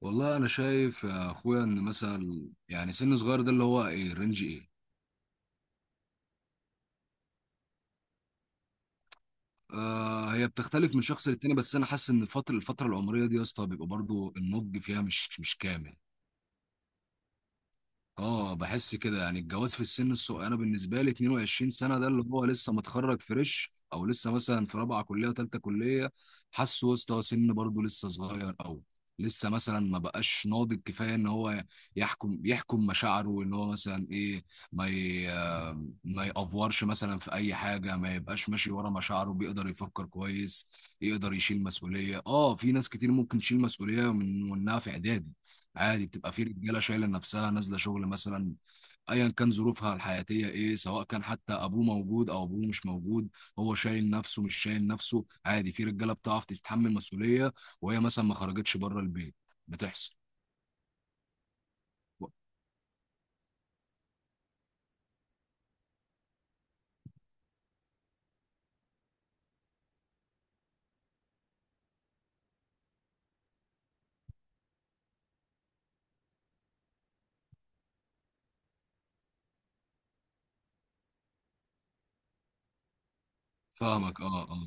والله انا شايف يا اخويا ان مثلا يعني سن صغير ده اللي هو ايه، رينج ايه؟ آه، هي بتختلف من شخص للتاني، بس انا حاسس ان الفتره العمريه دي يا اسطى بيبقى برضو النضج فيها مش كامل. اه، بحس كده يعني الجواز في السن الصغير، انا بالنسبه لي 22 سنه ده اللي هو لسه متخرج فريش، او لسه مثلا في رابعه كليه، ثالثه كليه. حاسه يا اسطى سن برضو لسه صغير، او لسه مثلا ما بقاش ناضج كفايه ان هو يحكم مشاعره، ان هو مثلا ايه، ما ي... ما يأفورش مثلا في اي حاجه، ما يبقاش ماشي ورا مشاعره، بيقدر يفكر كويس، يقدر يشيل مسؤوليه. اه، في ناس كتير ممكن تشيل مسؤوليه من وانها في اعدادي، عادي. بتبقى في رجاله شايله نفسها نازله شغل مثلا، ايا كان ظروفها الحياتيه ايه، سواء كان حتى ابوه موجود او ابوه مش موجود. هو شايل نفسه مش شايل نفسه، عادي. في رجاله بتعرف تتحمل مسؤوليه، وهي مثلا ما خرجتش بره البيت، بتحصل. فاهمك، اه اه.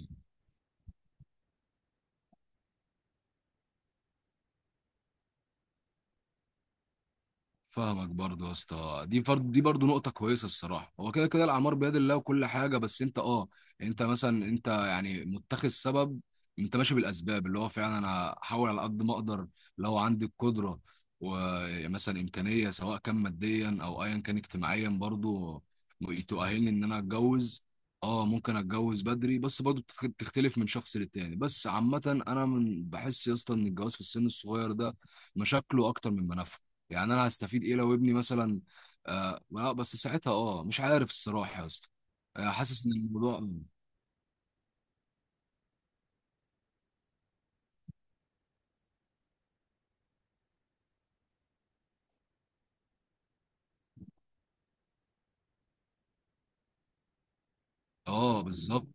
فاهمك برضه يا اسطى، دي فرض، دي برضه نقطة كويسة الصراحة. هو كده كده الأعمار بيد الله، وكل حاجة، بس أنت أه، أنت مثلا أنت يعني متخذ سبب، أنت ماشي بالأسباب، اللي هو فعلا أنا هحاول على قد ما أقدر. لو عندي القدرة ومثلا إمكانية، سواء كان ماديا أو أيا كان اجتماعيا برضه، تؤهلني إن أنا أتجوز، أه ممكن أتجوز بدري، بس برضه بتختلف من شخص للتاني. بس عامة أنا من بحس يا اسطى إن الجواز في السن الصغير ده مشاكله أكتر من منافعه. يعني انا هستفيد ايه لو ابني مثلا، آه آه، بس ساعتها مش عارف الصراحه يا اسطى. آه، حاسس ان الموضوع، اه بالظبط.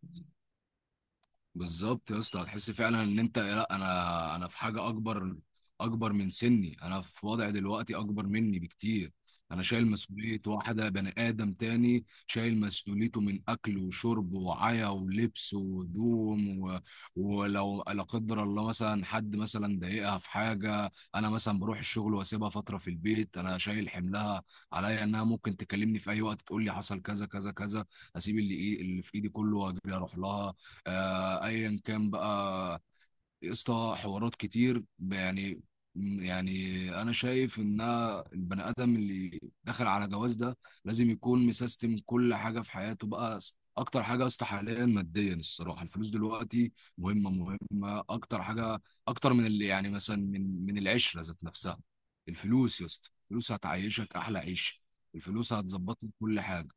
بالظبط يا اسطى، هتحس فعلا ان انت لا، انا في حاجه اكبر، اكبر من سني، انا في وضع دلوقتي اكبر مني بكتير. انا شايل مسؤوليه واحده بني ادم تاني، شايل مسؤوليته من اكل وشرب وعيا ولبس وهدوم ولو لا قدر الله مثلا حد مثلا ضايقها في حاجه، انا مثلا بروح الشغل واسيبها فتره في البيت، انا شايل حملها عليا انها ممكن تكلمني في اي وقت تقول لي حصل كذا كذا كذا، اسيب اللي ايه اللي في ايدي كله واجري اروح لها. آه، ايا كان بقى، قصة حوارات كتير يعني. يعني انا شايف ان البني ادم اللي دخل على جواز ده لازم يكون مسيستم كل حاجه في حياته بقى. اكتر حاجه يا اسطى حاليا ماديا الصراحه، الفلوس دلوقتي مهمه مهمه، اكتر حاجه، اكتر من اللي يعني مثلا من العشره ذات نفسها. الفلوس يا اسطى، الفلوس هتعيشك احلى عيش، الفلوس هتظبط لك كل حاجه.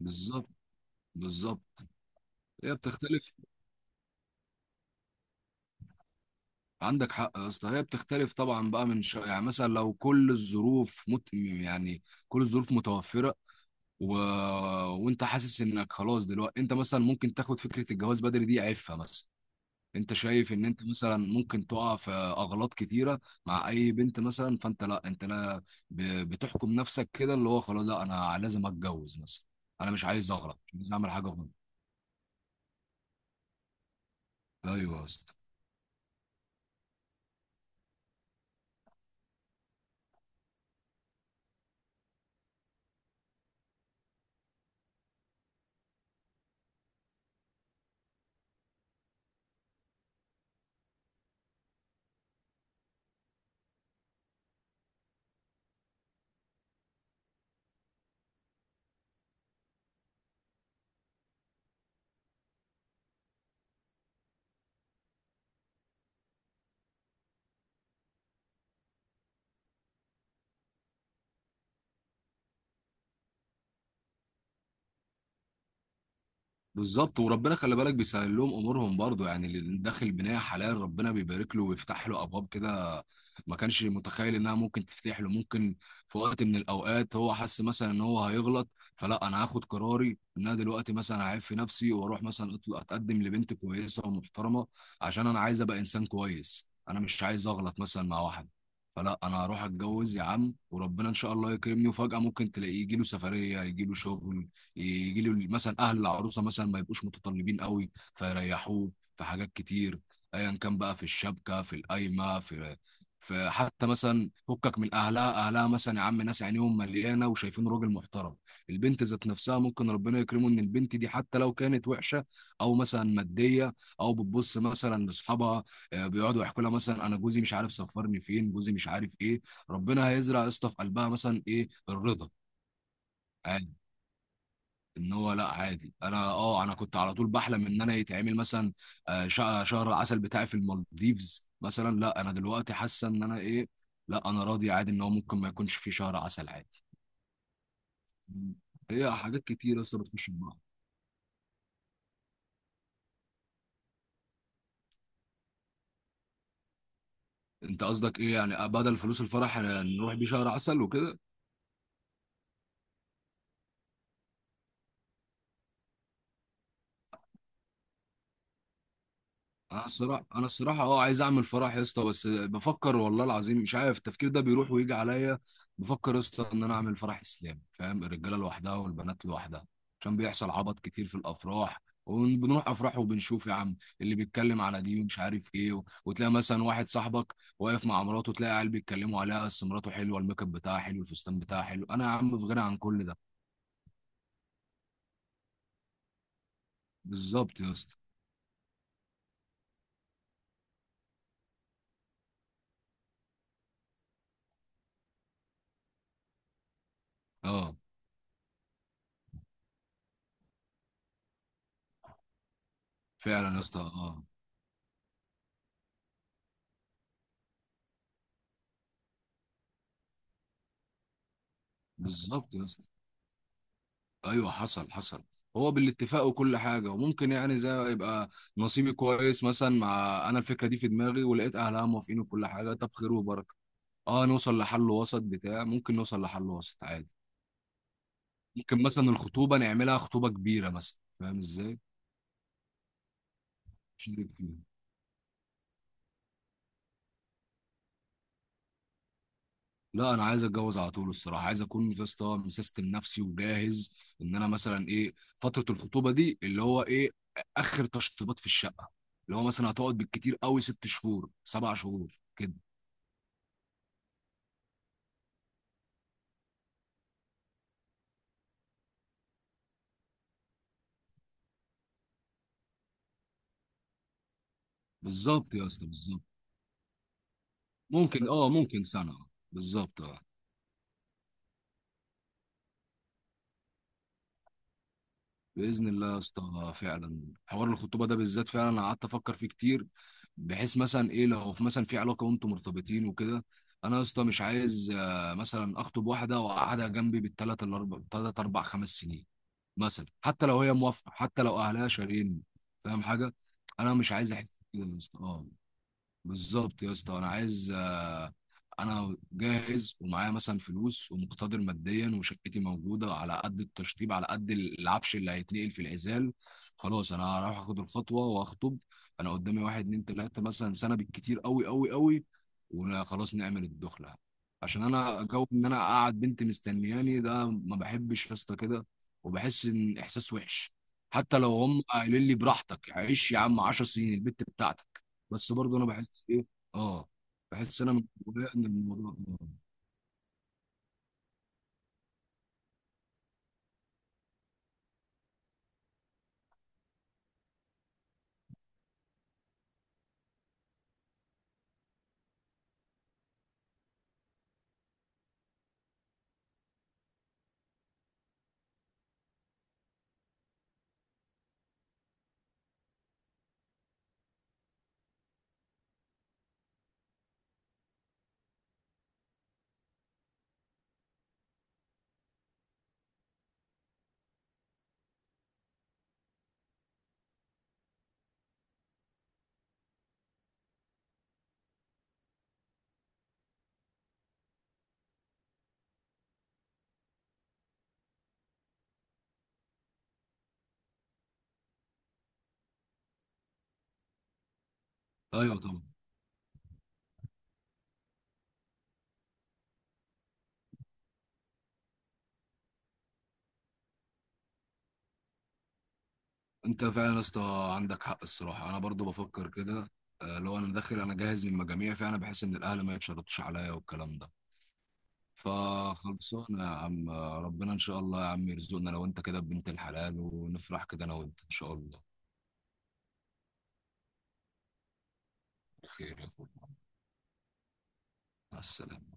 بالظبط. بالظبط، هي بتختلف. عندك حق يا اسطى، هي بتختلف طبعا بقى، من شا... يعني مثلا لو كل الظروف يعني كل الظروف متوفره، و... وانت حاسس انك خلاص دلوقتي، انت مثلا ممكن تاخد فكره الجواز بدري دي عيبها مثلا، انت شايف ان انت مثلا ممكن تقع في اغلاط كتيره مع اي بنت مثلا، فانت لا، انت لا، ب... بتحكم نفسك كده، اللي هو خلاص لا انا لازم اتجوز مثلا، انا مش عايز اغلط، مش عايز اعمل حاجه غلط. ايوه يا اسطى، بالظبط. وربنا خلي بالك بيسهل لهم امورهم برضو، يعني اللي داخل بنايه حلال ربنا بيبارك له ويفتح له ابواب كده ما كانش متخيل انها ممكن تفتح له. ممكن في وقت من الاوقات هو حس مثلا ان هو هيغلط، فلا، انا هاخد قراري ان انا دلوقتي مثلا هعيب في نفسي واروح مثلا اتقدم لبنت كويسه ومحترمه، عشان انا عايز ابقى انسان كويس، انا مش عايز اغلط مثلا مع واحد. فلا، انا هروح اتجوز يا عم، وربنا ان شاء الله يكرمني. وفجاه ممكن تلاقيه يجي له سفريه، يجي له شغل، يجي له مثلا اهل العروسه مثلا ما يبقوش متطلبين قوي فيريحوه، في حاجات كتير، ايا كان بقى، في الشبكه، في القايمه، في في حتى مثلا فكك من اهلها، اهلها مثلا يا عم ناس عينيهم مليانه وشايفين راجل محترم. البنت ذات نفسها ممكن ربنا يكرمه ان البنت دي حتى لو كانت وحشه، او مثلا ماديه، او بتبص مثلا لاصحابها، آه، بيقعدوا يحكوا لها مثلا انا جوزي مش عارف سفرني فين، جوزي مش عارف ايه، ربنا هيزرع يا اسطى في قلبها مثلا ايه الرضا، ان هو لا، عادي. انا انا كنت على طول بحلم ان انا يتعمل مثلا آه، شهر عسل بتاعي في المالديفز مثلا، لا انا دلوقتي حاسه ان انا ايه، لا انا راضي عادي، ان هو ممكن ما يكونش فيه شهر عسل عادي. هي حاجات كتير اصلا بتخش في بعض. انت قصدك ايه يعني، آه، بدل فلوس الفرح آه، نروح بيه شهر عسل وكده؟ انا الصراحه، انا الصراحه اه عايز اعمل فرح يا اسطى، بس بفكر والله العظيم، مش عارف التفكير ده بيروح ويجي عليا. بفكر يا اسطى ان انا اعمل فرح اسلامي، فاهم، الرجاله لوحدها والبنات لوحدها، عشان بيحصل عبط كتير في الافراح. وبنروح افراح وبنشوف يا عم اللي بيتكلم على دي ومش عارف ايه وتلاقي مثلا واحد صاحبك واقف مع مراته، تلاقي عيال بيتكلموا عليها، بس مراته حلوه، الميك اب بتاعها حلو، الفستان بتاعها حلو، انا يا عم في غنى عن كل ده. بالظبط يا اسطى، اه. فعلا يا اسطى، اه بالظبط يا اسطى. ايوه حصل حصل، هو بالاتفاق وكل حاجه. وممكن يعني زي يبقى نصيبي كويس مثلا مع انا الفكره دي في دماغي، ولقيت اهلها موافقين وكل حاجه، طب خير وبركه، اه نوصل لحل وسط بتاع، ممكن نوصل لحل وسط عادي. ممكن مثلا الخطوبه نعملها خطوبه كبيره مثلا، فاهم ازاي، شريك فيها. لا انا عايز اتجوز على طول الصراحه. عايز اكون يا اسطى مسيستم نفسي وجاهز، ان انا مثلا ايه، فتره الخطوبه دي اللي هو ايه اخر تشطيبات في الشقه، اللي هو مثلا هتقعد بالكتير قوي ست شهور، سبع شهور كده. بالظبط يا اسطى، بالظبط. ممكن اه ممكن سنة آه. بالظبط اه. بإذن الله يا اسطى، آه، فعلا حوار الخطوبة ده بالذات فعلا أنا قعدت أفكر فيه كتير. بحيث مثلا إيه لو في مثلا في علاقة وأنتم مرتبطين وكده، أنا يا اسطى مش عايز آه، مثلا أخطب واحدة وأقعدها جنبي بالتلات الأربع، تلات أربع خمس سنين مثلا، حتى لو هي موافقة، حتى لو أهلها شارين، فاهم حاجة، أنا مش عايز أحس كده يا اسطى، اه. بالظبط يا اسطى، انا عايز آه، انا جاهز ومعايا مثلا فلوس، ومقتدر ماديا، وشقتي موجوده على قد التشطيب، على قد العفش اللي هيتنقل في العزال. خلاص انا هروح اخد الخطوه واخطب، انا قدامي واحد اتنين تلاته مثلا سنه بالكتير قوي قوي قوي، وخلاص نعمل الدخله. عشان انا جو ان انا اقعد بنتي مستنياني ده ما بحبش يا اسطى كده، وبحس ان احساس وحش، حتى لو هم قايلين لي براحتك عيش يا عم 10 سنين البت بتاعتك، بس برضه انا بحس ايه، اه بحس انا من جوايا ان الموضوع. آه. ايوه طبعا. انت فعلا يا اسطى عندك حق الصراحه، انا برضه بفكر كده، آه، لو انا داخل انا جاهز من المجاميع، فعلا بحس ان الاهل ما يتشرطوش عليا والكلام ده. فخلصونا يا عم، آه، ربنا ان شاء الله يا عم يرزقنا لو انت كده بنت الحلال، ونفرح كده انا وانت ان شاء الله. بخير يا اخويا، مع السلامه.